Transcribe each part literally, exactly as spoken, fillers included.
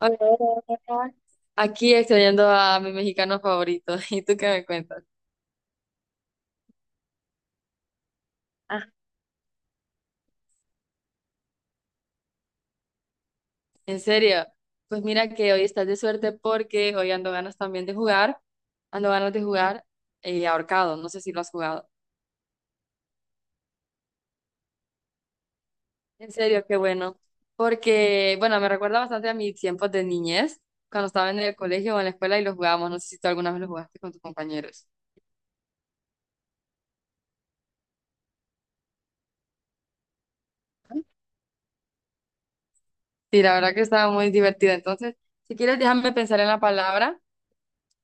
Hola, hola, hola. Aquí extrañando a mi mexicano favorito. ¿Y tú qué me cuentas? Ah, en serio, pues mira que hoy estás de suerte porque hoy ando ganas también de jugar. Ando ganas de jugar eh, ahorcado. No sé si lo has jugado. En serio, qué bueno. Porque, bueno, me recuerda bastante a mis tiempos de niñez, cuando estaba en el colegio o en la escuela y lo jugábamos. No sé si tú alguna vez lo jugaste con tus compañeros. Sí, la verdad que estaba muy divertido. Entonces, si quieres, déjame pensar en la palabra.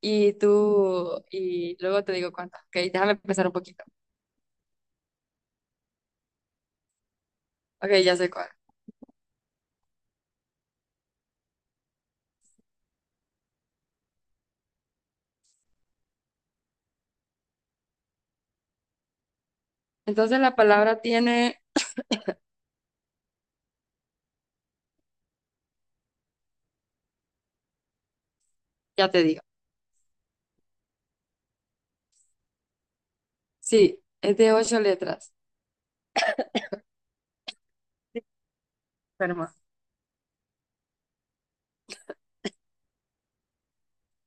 Y tú, y luego te digo cuántas. Ok, déjame pensar un poquito. Ok, ya sé cuál. Entonces la palabra tiene, ya te digo. Sí, es de ocho letras. Fermo.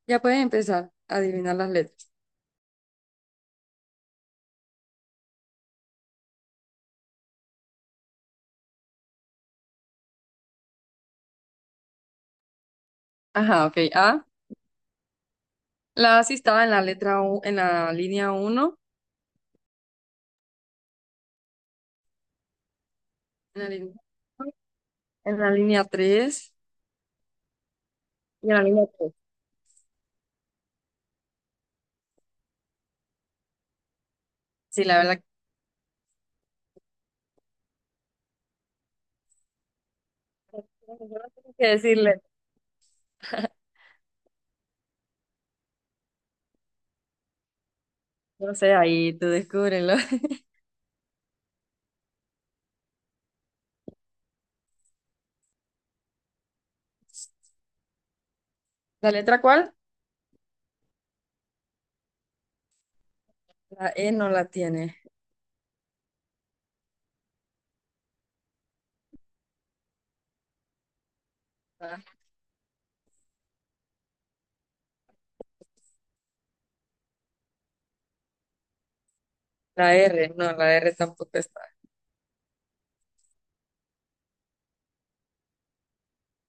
Ya puedes empezar a adivinar las letras. Ajá, ok. A. La A sí estaba en la letra U, en la línea uno, en la línea, en la línea tres y en la línea tres. Sí, la verdad que yo no tengo que decirle. No sé, ahí tú descúbrelo. ¿La letra cuál? La E no la tiene. La la R, no, la R tampoco está.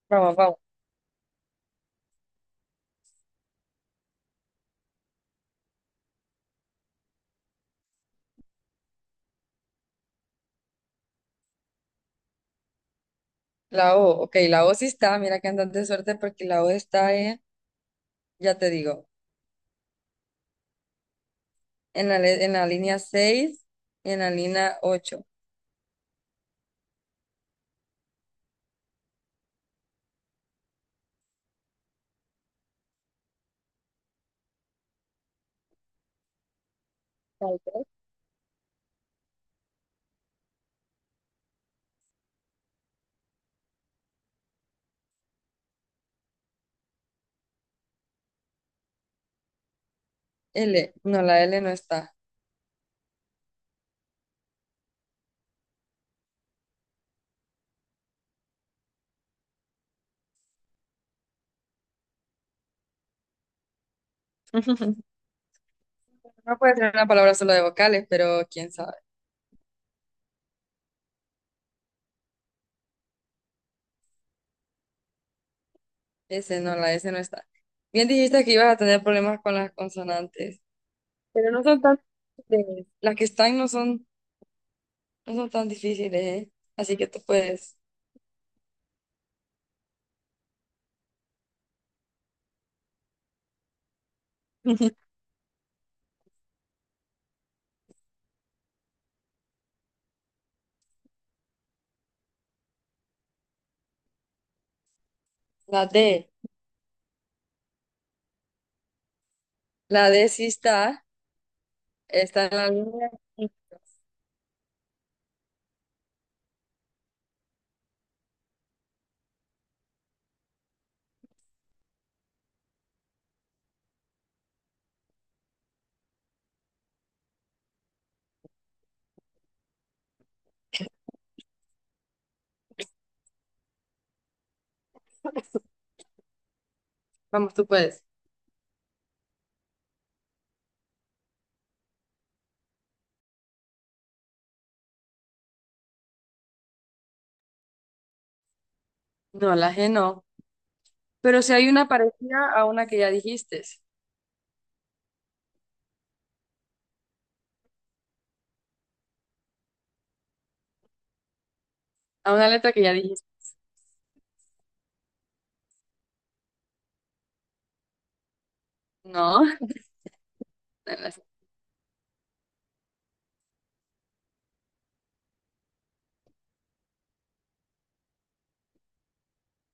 Vamos, vamos. La O, ok, la O sí está, mira que andas de suerte porque la O está, eh, ya te digo, en la, le- en la línea seis y en la línea ocho. Tal vez. L, no, la L no está. No puede ser una palabra solo de vocales, pero quién sabe. S no, la S no está. Bien dijiste que ibas a tener problemas con las consonantes. Pero no son tan difíciles. Las que están no son, no son tan difíciles, ¿eh? Así que tú puedes. La D, la D sí está, está en la línea. Vamos, tú puedes. No, la G no. Pero si hay una parecida a una que ya dijiste, a una letra que ya dijiste. No.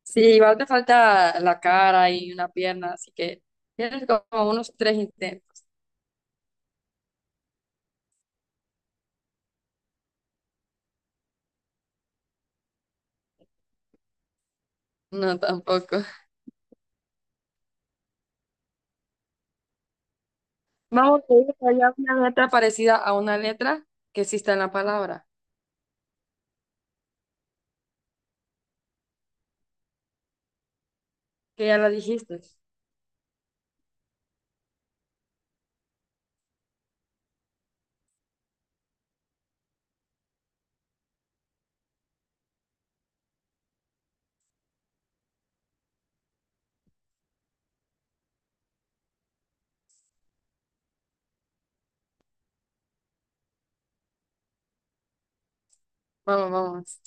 Sí, igual te falta la cara y una pierna, así que tienes como unos tres intentos. No, tampoco. Vamos a ir allá una letra parecida a una letra que sí está en la palabra, que ya la dijiste. Vamos, vamos.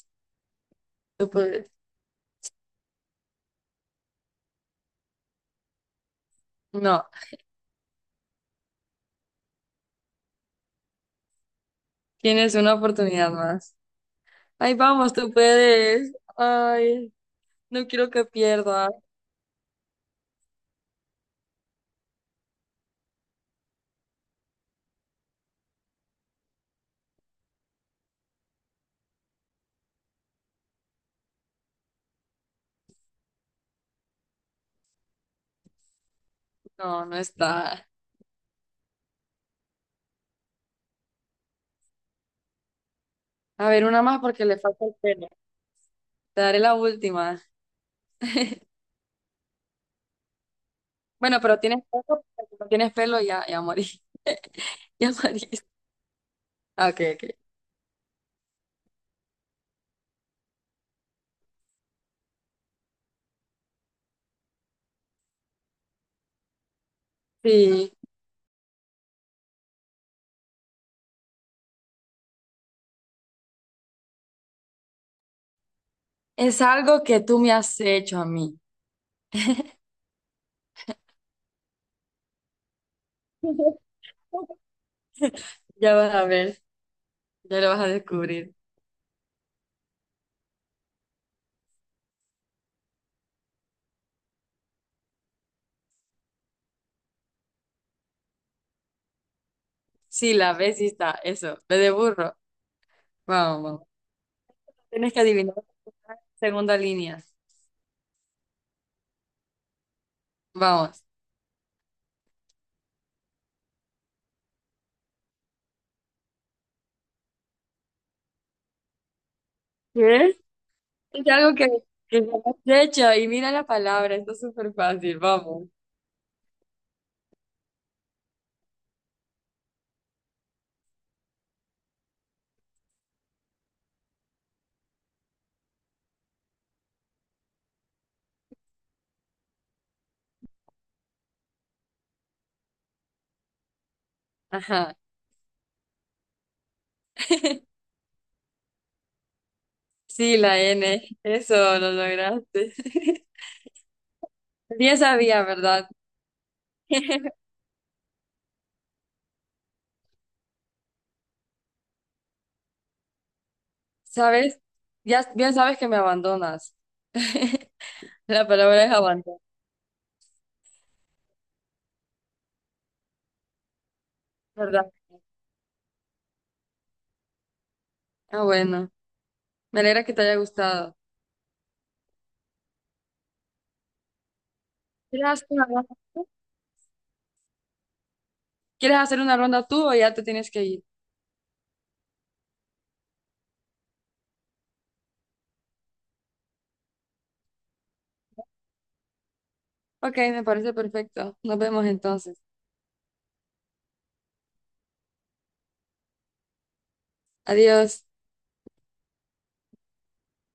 Tú puedes. No, tienes una oportunidad más. Ay, vamos, tú puedes. Ay, no quiero que pierdas. No, no está. A ver, una más porque le falta el pelo. Te daré la última. Bueno, pero tienes pelo, porque si no tienes pelo ya, ya morí. Ya morí. Ah, ok, ok. Sí. Es algo que tú me has hecho a mí. Ya vas a ver, ya lo vas a descubrir. Sí, la ves y está, eso, ve de burro. Vamos, vamos. Tienes que adivinar la segunda línea. Vamos. ¿Qué? Es algo que, que me has hecho y mira la palabra, esto es súper fácil, vamos. Ajá. Sí, la N, eso lo lograste. Bien sabía, ¿verdad? ¿Sabes? Ya bien sabes que me abandonas. La palabra es abandono, ¿verdad? Ah, bueno, me alegra que te haya gustado. ¿Quieres hacer una ronda tú? ¿Quieres hacer una ronda tú o ya te tienes que ir? Ok, me parece perfecto. Nos vemos entonces. Adiós.